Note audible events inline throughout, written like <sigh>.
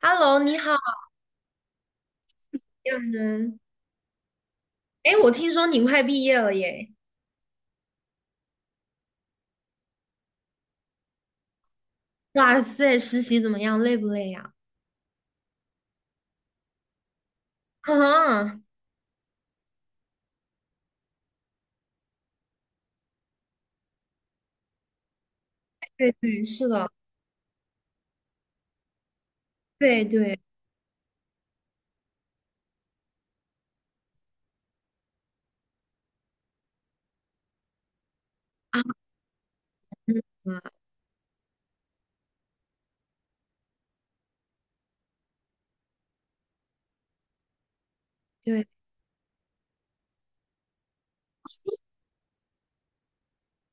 Hello，你好呀，能。哎，我听说你快毕业了耶！哇塞，实习怎么样？累不累呀？啊，对对，是的，对对啊，嗯啊，对，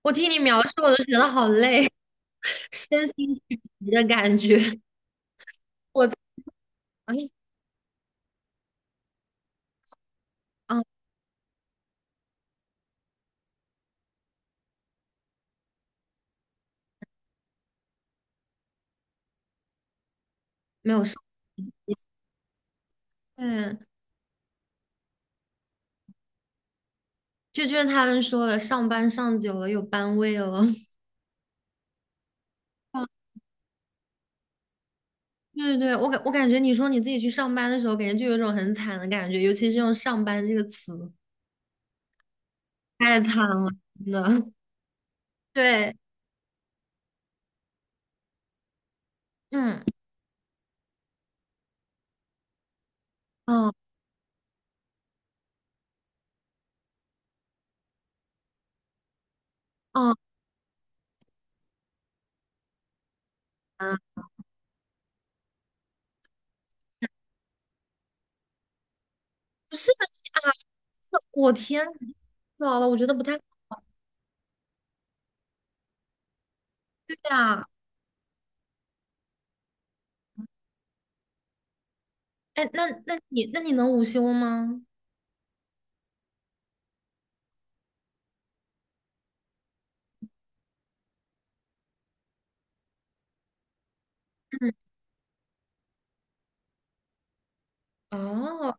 我听你描述，我都觉得好累，<laughs> 身心俱疲的感觉。我的，哎，啊，没有事，对，就是他们说的，上班上久了有班味了。<laughs> 啊对对对，我感觉你说你自己去上班的时候，感觉就有一种很惨的感觉，尤其是用"上班"这个词。太惨了，真的。<laughs> 对，嗯哦，哦，啊，不是啊，这我天，早了，我觉得不太对啊。哎，那你能午休吗？嗯，哦，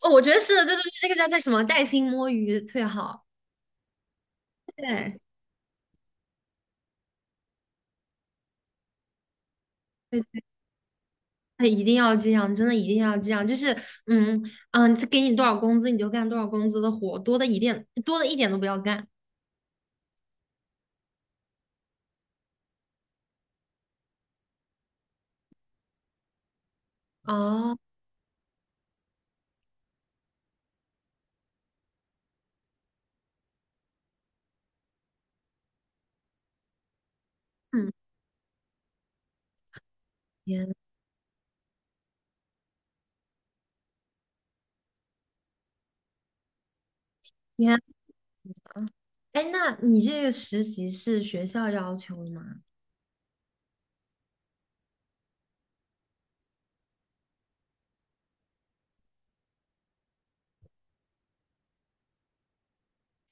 哦我觉得是的，对对对这个叫什么？带薪摸鱼最好。对对，哎一定要这样，真的一定要这样。就是嗯他给你多少工资你就干多少工资的活，多的一点都不要干。哦，嗯，天。天嗯，哎，那你这个实习是学校要求的吗？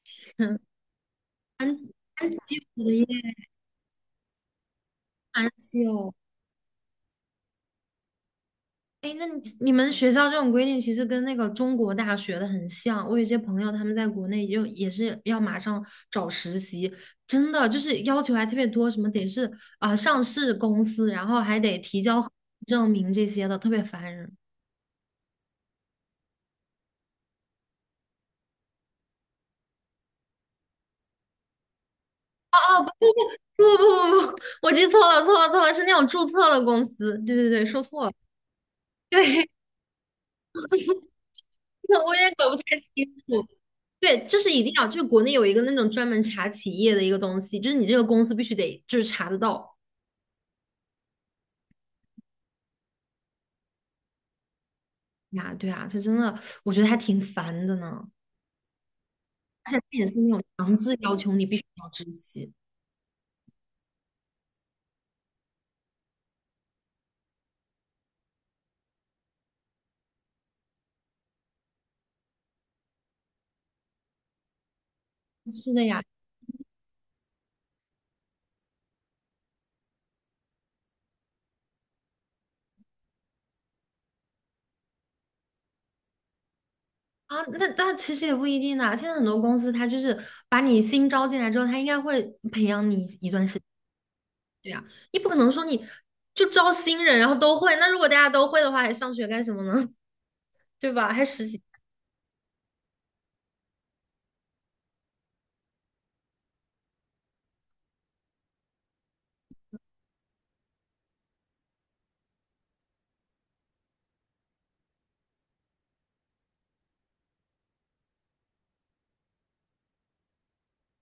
<laughs> 蛮蛮基础的耶，蛮久。哎，那你们学校这种规定其实跟那个中国大学的很像。我有些朋友他们在国内就也是要马上找实习，真的就是要求还特别多，什么得是上市公司，然后还得提交合规证明这些的，特别烦人。哦，不不不不不，我记错了错了错了，是那种注册的公司。对对对，说错了。对 <laughs> 我也搞不太清楚。对，就是一定要，就是国内有一个那种专门查企业的一个东西，就是你这个公司必须得就是查得到呀。对啊，这真的我觉得还挺烦的呢，而且他也是那种强制要求你必须要知悉。是的呀，啊，那其实也不一定啦。现在很多公司他就是把你新招进来之后，他应该会培养你一段时间。对呀，你不可能说你就招新人然后都会，那如果大家都会的话，还上学干什么呢？<laughs> 对吧？还实习。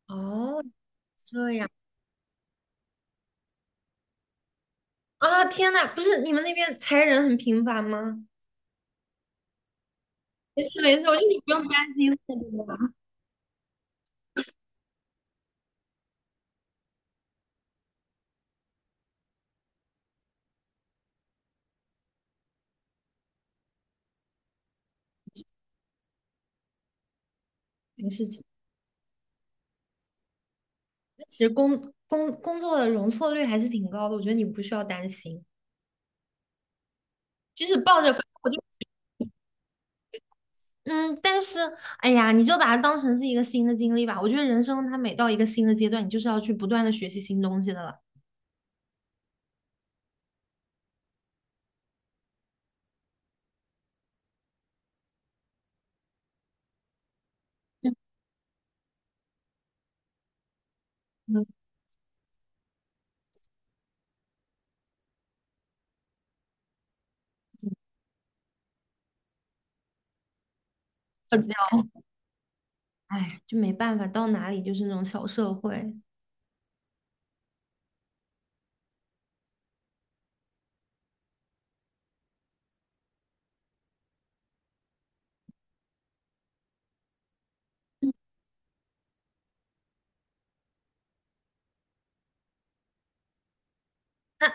哦，这样。啊，天呐，不是你们那边裁人很频繁吗？没事没事，我觉得你不用担心太多吧。没事情，其实工作的容错率还是挺高的，我觉得你不需要担心。就是抱着，反正我就嗯，但是哎呀，你就把它当成是一个新的经历吧。我觉得人生它每到一个新的阶段，你就是要去不断的学习新东西的了。嗯，社交哎，就没办法，到哪里就是那种小社会。嗯那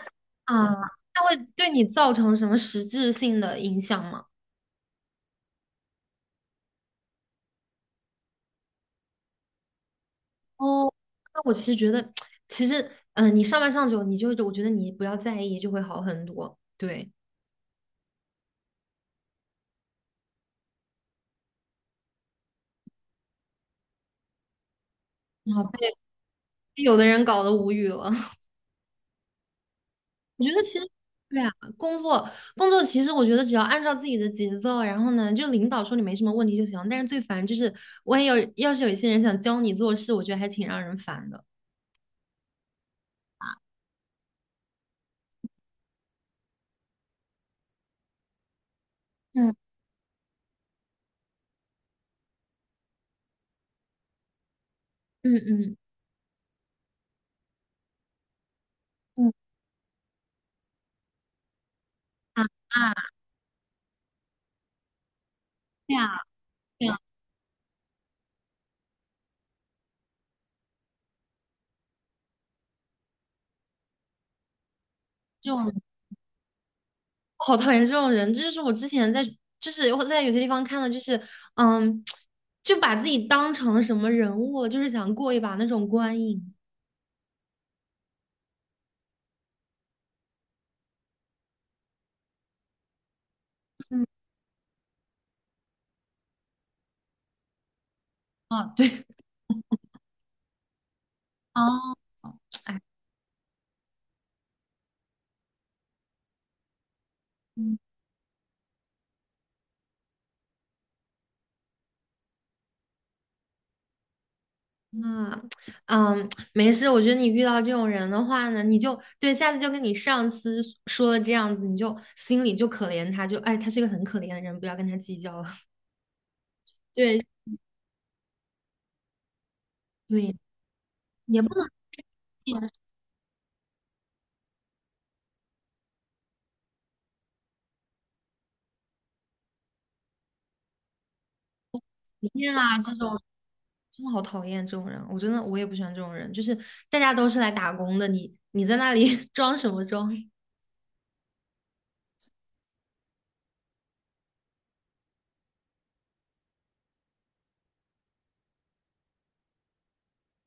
啊，那会对你造成什么实质性的影响吗？哦，那我其实觉得，其实，你上班上久，你就我觉得你不要在意，就会好很多。对，啊，被有的人搞得无语了。<laughs> 我觉得其实，对啊，工作工作，其实我觉得只要按照自己的节奏，然后呢，就领导说你没什么问题就行。但是最烦就是，万一有要是有一些人想教你做事，我觉得还挺让人烦的。嗯嗯嗯嗯，对啊，这好讨厌这种人，这就是我之前在，就是我在有些地方看到，就是，嗯，就把自己当成什么人物，就是想过一把那种观影啊，对，哦 <laughs>，哎，嗯啊，嗯，没事，我觉得你遇到这种人的话呢，你就对下次就跟你上司说了这样子，你就心里就可怜他，就哎，他是一个很可怜的人，不要跟他计较了。<laughs> 对对，也不能这样啊，这种。真的好讨厌这种人，我真的我也不喜欢这种人，就是大家都是来打工的，你在那里 <laughs> 装什么装？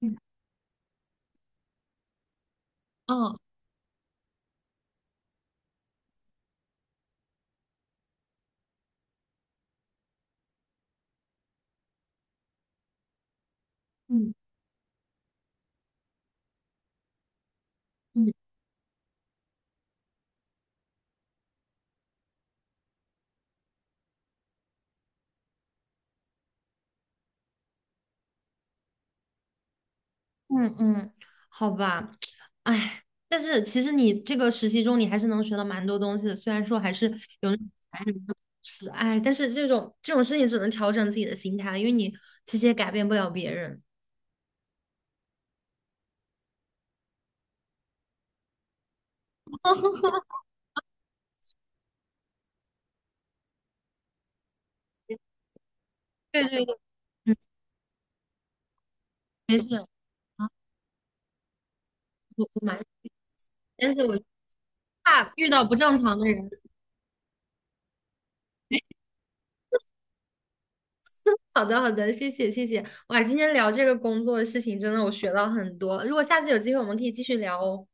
嗯嗯嗯嗯嗯，好吧，哎，但是其实你这个实习中你还是能学到蛮多东西的，虽然说还是有那种烦人的事哎，但是这种事情只能调整自己的心态，因为你其实也改变不了别人。对对对，嗯，没事啊，我蛮，但是我怕遇到不正常的人。好的，好的，谢谢，谢谢。哇，今天聊这个工作的事情，真的我学到很多。如果下次有机会，我们可以继续聊哦。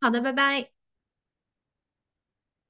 好的，拜拜。